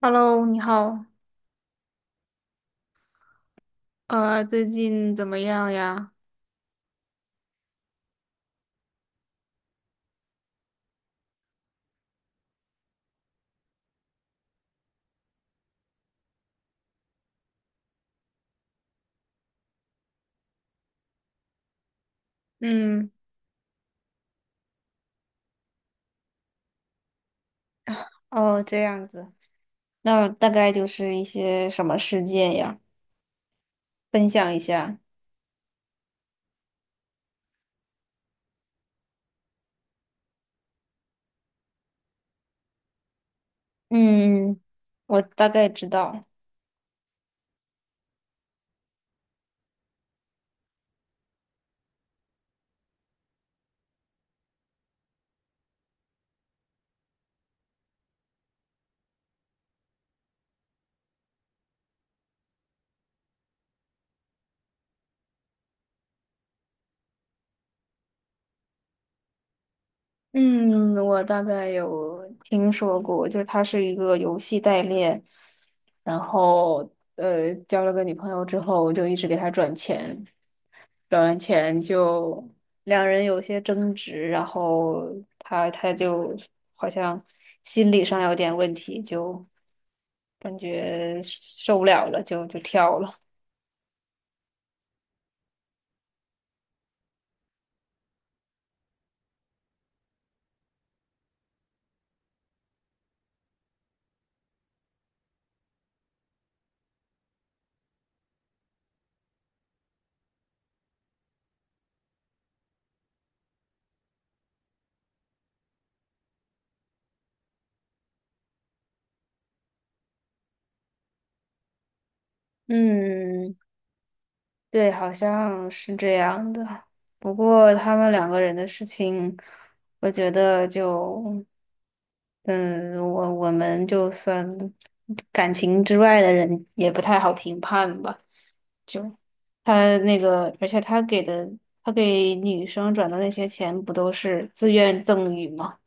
Hello，你好，最近怎么样呀？嗯，哦，这样子，那大概就是一些什么事件呀？分享一下。嗯，我大概知道。嗯，我大概有听说过，就是他是一个游戏代练，然后交了个女朋友之后，就一直给他转钱。表演前就两人有些争执，然后他就好像心理上有点问题，就感觉受不了了，就跳了。嗯，对，好像是这样的。不过他们两个人的事情，我觉得就，嗯，我们就算感情之外的人也不太好评判吧。他那个，而且他给的，他给女生转的那些钱不都是自愿赠与吗？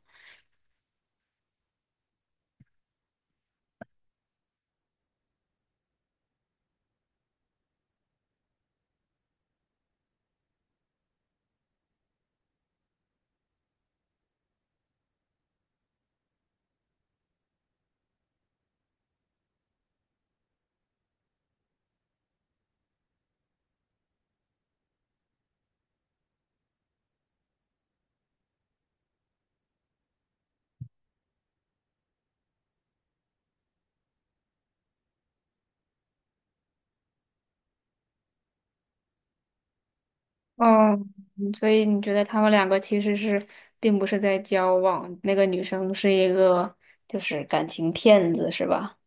哦，嗯所以你觉得他们两个其实是并不是在交往，那个女生是一个就是感情骗子，是吧？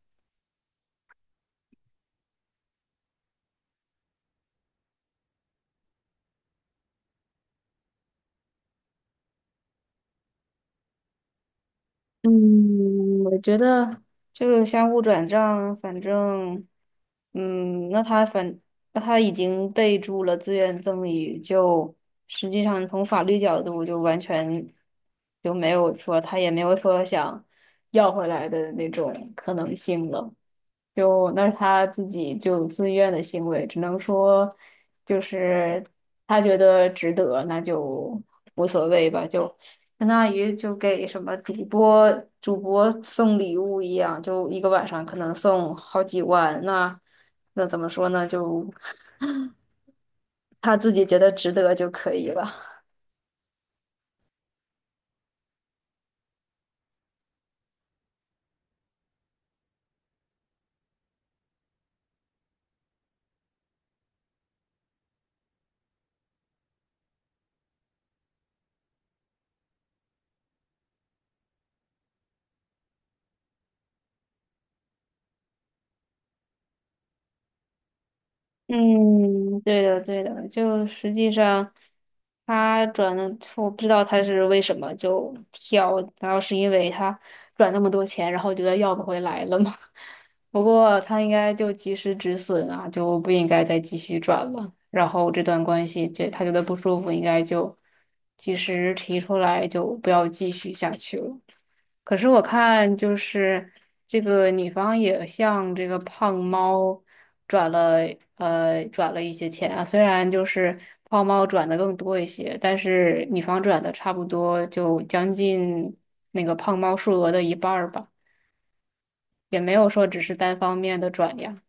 嗯，我觉得就是相互转账，反正，嗯，那他已经备注了自愿赠与，就实际上从法律角度就完全就没有说他也没有说想要回来的那种可能性了。就那是他自己就自愿的行为，只能说就是他觉得值得，那就无所谓吧，就相当于就给什么主播送礼物一样，就一个晚上可能送好几万，那怎么说呢？就 他自己觉得值得就可以了。嗯，对的，对的，就实际上他转的，我不知道他是为什么就跳，难道是因为他转那么多钱，然后觉得要不回来了吗？不过他应该就及时止损啊，就不应该再继续转了。然后这段关系，这他觉得不舒服，应该就及时提出来，就不要继续下去了。可是我看就是这个女方也向这个胖猫转了转了一些钱啊，虽然就是胖猫转的更多一些，但是女方转的差不多就将近那个胖猫数额的一半儿吧，也没有说只是单方面的转呀。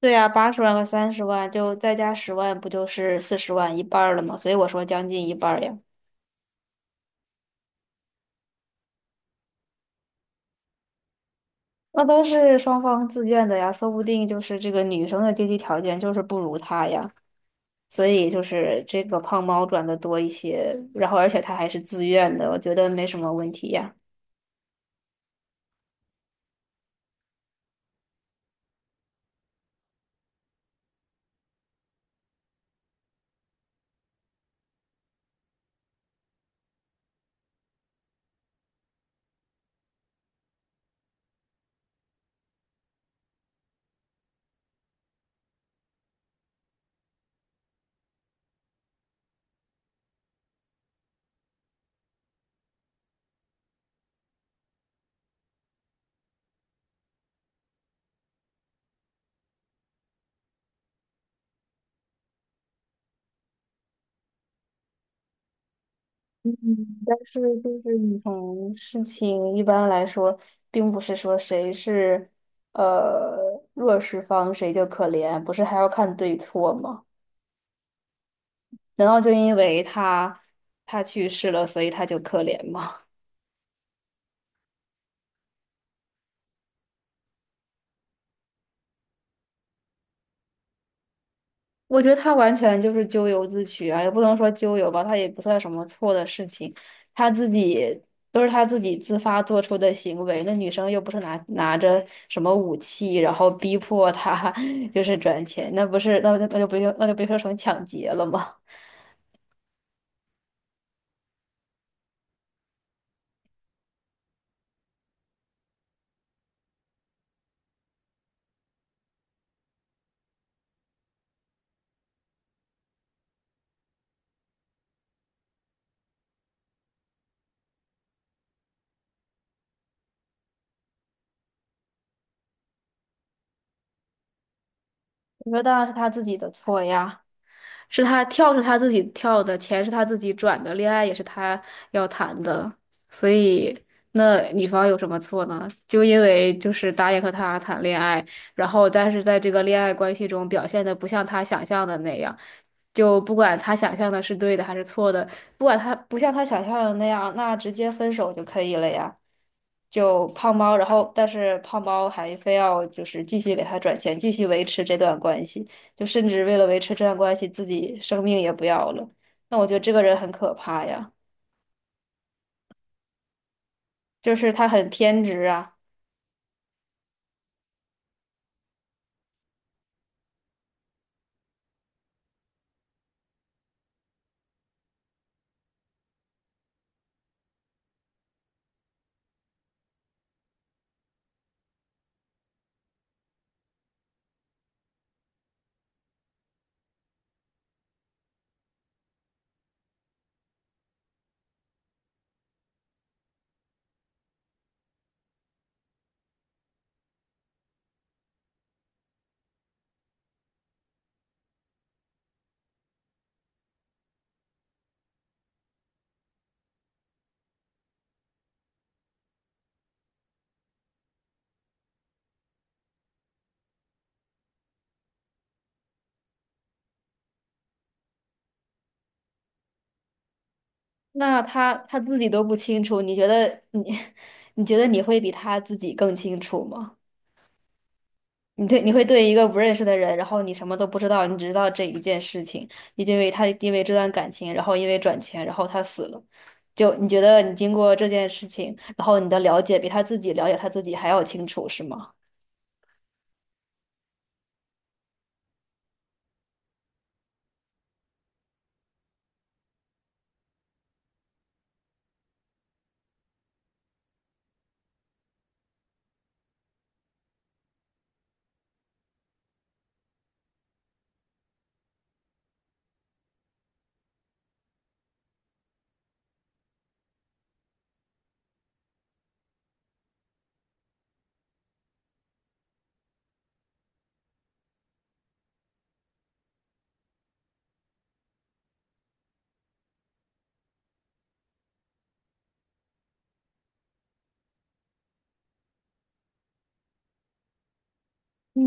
对呀，80万和30万，就再加十万，不就是40万，一半儿了吗？所以我说将近一半儿呀。那都是双方自愿的呀，说不定就是这个女生的经济条件就是不如他呀，所以就是这个胖猫赚的多一些，然后而且他还是自愿的，我觉得没什么问题呀。嗯，但是就是你从事情一般来说，并不是说谁是呃弱势方谁就可怜，不是还要看对错吗？难道就因为他去世了，所以他就可怜吗？我觉得他完全就是咎由自取啊，也不能说咎由吧，他也不算什么错的事情，他自己都是他自己自发做出的行为。那女生又不是拿着什么武器，然后逼迫他 就是转钱，那不是那就那就不就那就被说成抢劫了吗？我觉得当然是他自己的错呀。是他跳是他自己跳的，钱是他自己转的，恋爱也是他要谈的，所以那女方有什么错呢？就因为就是答应和他谈恋爱，然后但是在这个恋爱关系中表现的不像他想象的那样，就不管他想象的是对的还是错的，不管他不像他想象的那样，那直接分手就可以了呀。就胖猫，然后但是胖猫还非要就是继续给他转钱，继续维持这段关系。就甚至为了维持这段关系，自己生命也不要了。那我觉得这个人很可怕呀，就是他很偏执啊。那他自己都不清楚，你觉得你 你觉得你会比他自己更清楚吗？你对你会对一个不认识的人，然后你什么都不知道，你只知道这一件事情，你就因为他因为这段感情，然后因为转钱，然后他死了。就你觉得你经过这件事情，然后你的了解比他自己了解他自己还要清楚，是吗？嗯，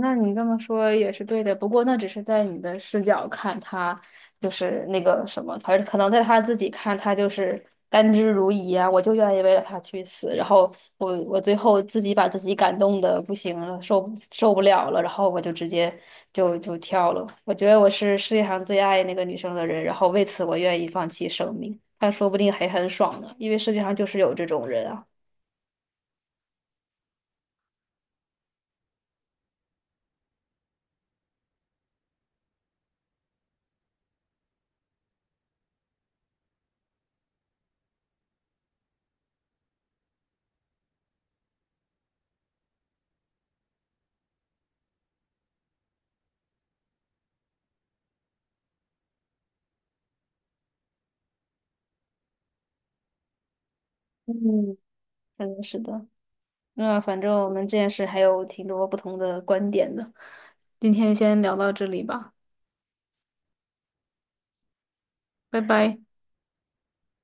那你这么说也是对的，不过那只是在你的视角看他，就是那个什么，他可能在他自己看他就是甘之如饴啊，我就愿意为了他去死，然后我最后自己把自己感动的不行了，受不了了，然后我就直接跳了。我觉得我是世界上最爱那个女生的人，然后为此我愿意放弃生命，但说不定还很爽呢，因为世界上就是有这种人啊。嗯，真的是的。那反正我们这件事还有挺多不同的观点的，今天先聊到这里吧，拜拜。